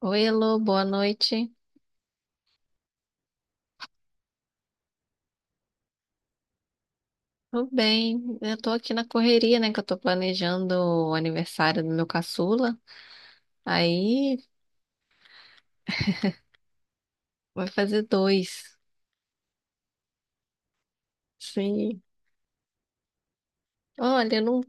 Oi, Elô, boa noite. Tudo bem? Eu tô aqui na correria, né? Que eu tô planejando o aniversário do meu caçula. Aí vai fazer dois. Sim. Olha, eu não,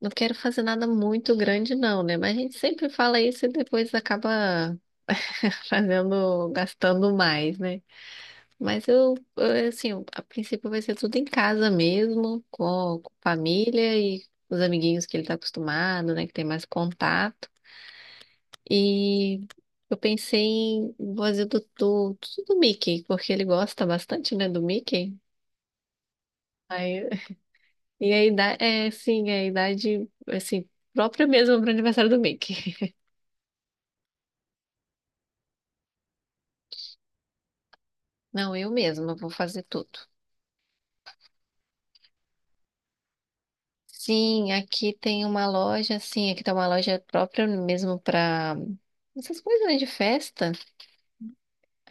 não quero fazer nada muito grande, não, né? Mas a gente sempre fala isso e depois acaba fazendo, gastando mais, né? Mas assim, a princípio vai ser tudo em casa mesmo, com família e os amiguinhos que ele tá acostumado, né? Que tem mais contato. E eu pensei em fazer do Mickey, porque ele gosta bastante, né, do Mickey. Aí, e a idade, é, sim, a idade, assim, própria mesmo para o aniversário do Mickey. Não, eu mesma vou fazer tudo. Sim, aqui tem uma loja, sim, aqui tem uma loja própria mesmo para essas coisas, né, de festa,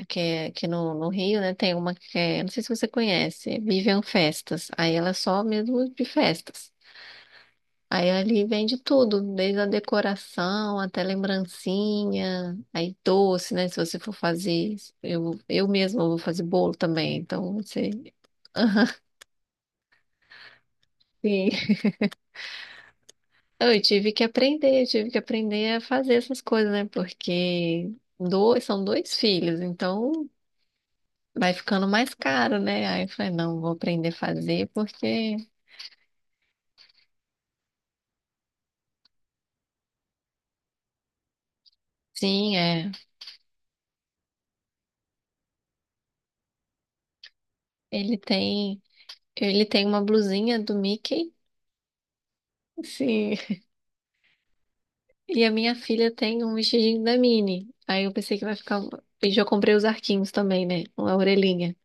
que é aqui no Rio, né, tem uma que é, não sei se você conhece, Vivian Festas, aí ela é só mesmo de festas. Aí ali vende tudo, desde a decoração até lembrancinha, aí doce, né? Se você for fazer, eu mesma vou fazer bolo também, então você. Sim. Eu tive que aprender a fazer essas coisas, né? Porque dois, são dois filhos, então vai ficando mais caro, né? Aí eu falei, não, vou aprender a fazer, porque sim, é. Ele tem, ele tem uma blusinha do Mickey. Sim. E a minha filha tem um vestidinho da Minnie. Aí eu pensei que vai ficar. Um. E já comprei os arquinhos também, né? Com a orelhinha.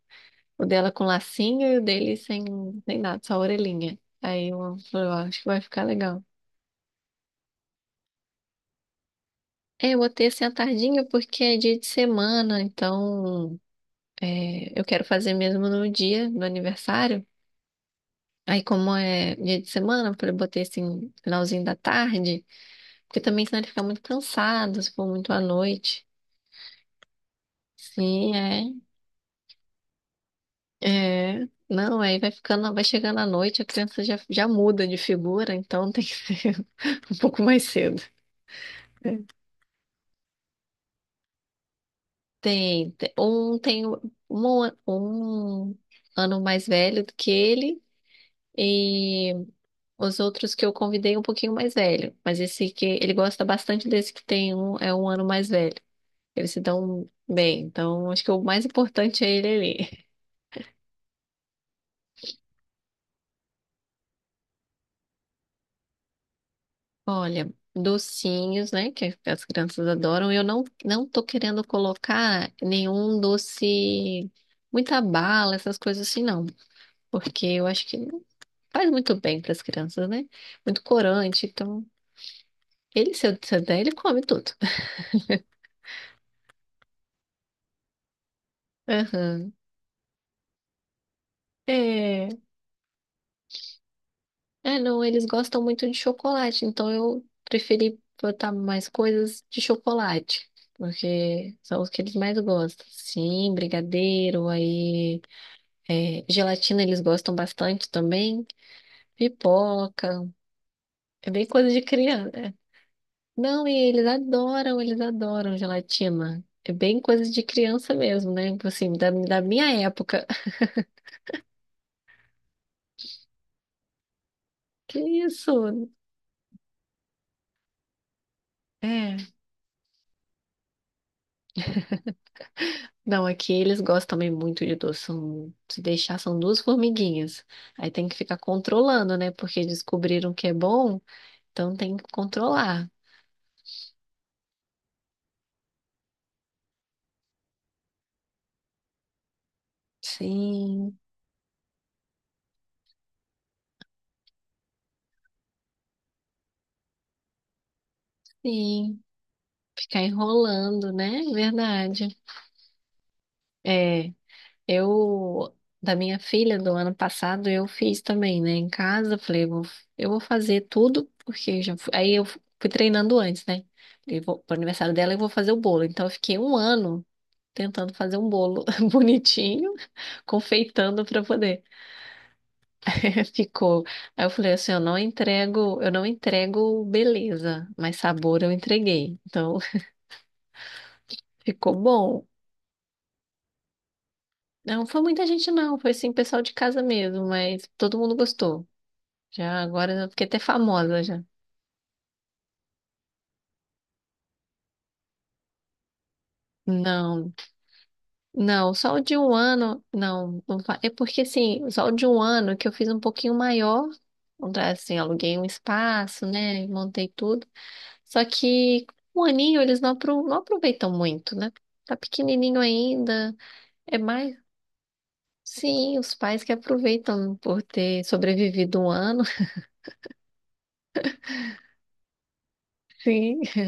O dela com lacinho e o dele sem nada, só a orelhinha. Aí eu falei, ó, acho que vai ficar legal. É, eu botei assim à tardinha porque é dia de semana, então é, eu quero fazer mesmo no dia do aniversário. Aí, como é dia de semana, eu falei, botei assim, finalzinho da tarde, porque também senão ele fica muito cansado, se for muito à noite. Sim, é. É, não, aí vai ficando, vai chegando à noite, a criança já muda de figura, então tem que ser um pouco mais cedo. Tem, um tem um, um ano mais velho do que ele e os outros que eu convidei um pouquinho mais velho, mas esse que ele gosta bastante desse que tem um é um ano mais velho. Eles se dão bem, então acho que o mais importante é ele ali. Olha, docinhos, né, que as crianças adoram. Eu não tô querendo colocar nenhum doce, muita bala, essas coisas assim, não, porque eu acho que não faz muito bem para as crianças, né? Muito corante, então ele se eu der, ele come tudo. Aham. É, não, eles gostam muito de chocolate, então eu preferi botar mais coisas de chocolate, porque são os que eles mais gostam. Sim, brigadeiro, aí é, gelatina eles gostam bastante também. Pipoca. É bem coisa de criança. É. Não, e eles adoram gelatina. É bem coisa de criança mesmo, né? Tipo assim, da minha época. Que isso? É. Não, aqui eles gostam também muito de doce. São, se deixar, são duas formiguinhas. Aí tem que ficar controlando, né? Porque descobriram que é bom, então tem que controlar. Sim, sim. Ficar enrolando, né? Verdade. É. Eu, da minha filha do ano passado, eu fiz também, né? Em casa, falei, vou, eu vou fazer tudo, porque eu já fui, aí eu fui treinando antes, né? Falei, vou, pro aniversário dela eu vou fazer o bolo. Então eu fiquei um ano tentando fazer um bolo bonitinho, confeitando para poder. Ficou. Aí eu falei assim, eu não entrego beleza, mas sabor eu entreguei. Então ficou bom. Não foi muita gente não, foi assim, pessoal de casa mesmo, mas todo mundo gostou. Já agora eu fiquei até famosa já. Não, não, só o de um ano, não, não fa- é porque assim, só o de um ano que eu fiz um pouquinho maior, assim, aluguei um espaço, né, montei tudo, só que um aninho eles não, apro- não aproveitam muito, né, tá pequenininho ainda, é mais, sim, os pais que aproveitam por ter sobrevivido um ano, sim.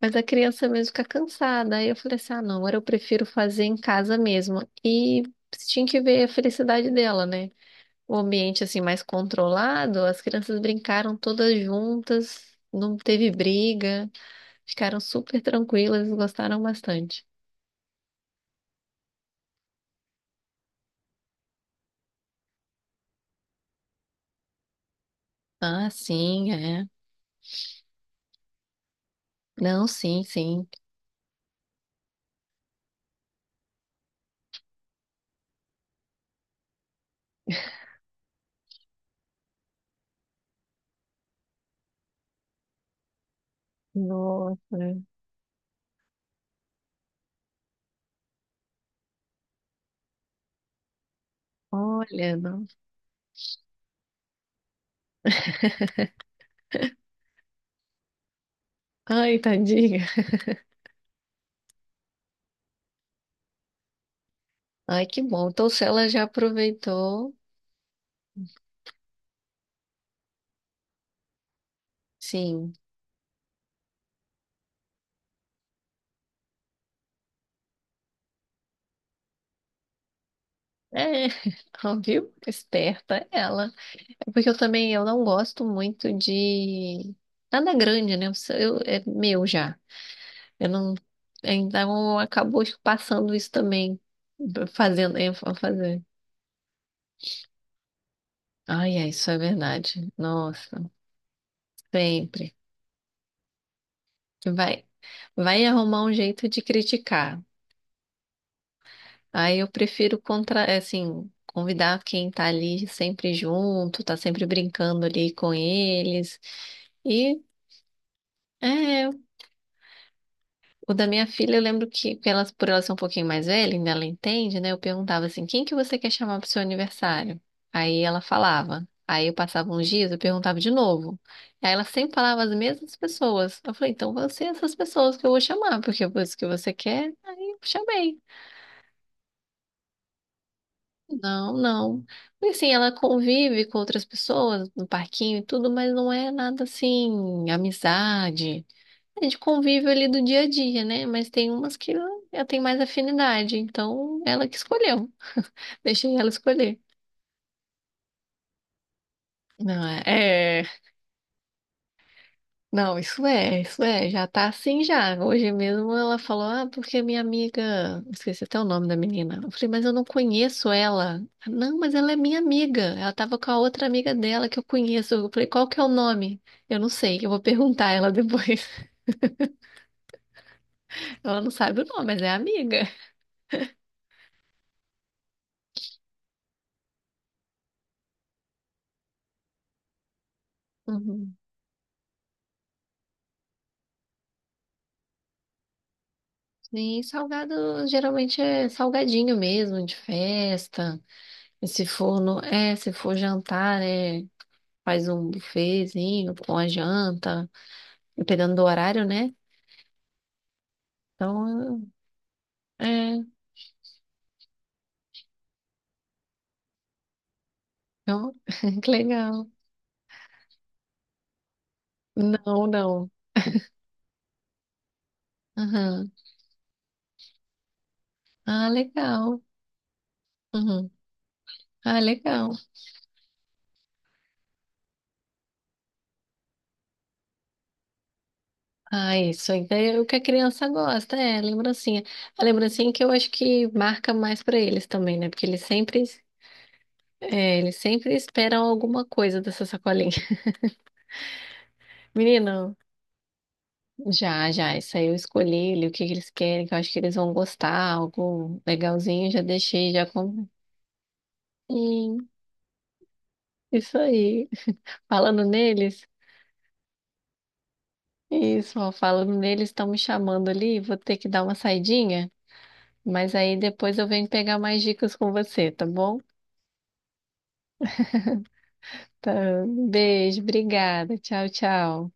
Mas a criança mesmo fica cansada. Aí eu falei assim: ah, não, agora eu prefiro fazer em casa mesmo. E você tinha que ver a felicidade dela, né? O ambiente assim mais controlado, as crianças brincaram todas juntas, não teve briga, ficaram super tranquilas, gostaram bastante. Ah, sim, é. Não, sim, sim. Nossa, olha, não. Ai, tadinha. Ai, que bom. Então, se ela já aproveitou, sim. É, ó, viu? Esperta ela. É porque eu também eu não gosto muito de nada grande, né? Eu, é meu já. Eu não. Então acabou passando isso também, fazendo, eu vou fazer. Ai, é isso é verdade. Nossa, sempre. Vai, vai arrumar um jeito de criticar. Aí eu prefiro contra, é assim, convidar quem tá ali sempre junto, tá sempre brincando ali com eles. E é, o da minha filha, eu lembro que elas, por ela ser um pouquinho mais velha, ainda ela entende, né? Eu perguntava assim, quem que você quer chamar pro seu aniversário? Aí ela falava. Aí eu passava uns dias, eu perguntava de novo. Aí ela sempre falava as mesmas pessoas. Eu falei, então vão ser essas pessoas que eu vou chamar, porque foi isso que você quer. Aí eu chamei. Não, não. E assim, ela convive com outras pessoas no parquinho e tudo, mas não é nada assim, amizade. É de convívio ali do dia a dia, né? Mas tem umas que eu tenho mais afinidade, então ela que escolheu. Deixei ela escolher. Não, é, é- não, isso é, já tá assim já. Hoje mesmo ela falou, ah, porque minha amiga, esqueci até o nome da menina. Eu falei, mas eu não conheço ela. Não, mas ela é minha amiga. Ela tava com a outra amiga dela que eu conheço. Eu falei, qual que é o nome? Eu não sei, eu vou perguntar a ela depois. Ela não sabe o nome, mas é amiga. Uhum. E salgado geralmente é salgadinho mesmo, de festa. E se for jantar, é, faz um buffetzinho com a janta, dependendo do horário, né? Então, é, então, que legal. Não, não. Aham. Ah, legal. Uhum. Ah, legal. Ah, isso aí é o que a criança gosta, é, lembrancinha. A lembrancinha que eu acho que marca mais pra eles também, né? Porque eles sempre é, eles sempre esperam alguma coisa dessa sacolinha. Menino, já, já, isso aí eu escolhi li o que que eles querem, que eu acho que eles vão gostar, algo legalzinho, já deixei, já comprei. Sim, isso aí. Falando neles, isso, ó, falando neles, estão me chamando ali, vou ter que dar uma saidinha, mas aí depois eu venho pegar mais dicas com você, tá bom? Tá, beijo, obrigada, tchau, tchau.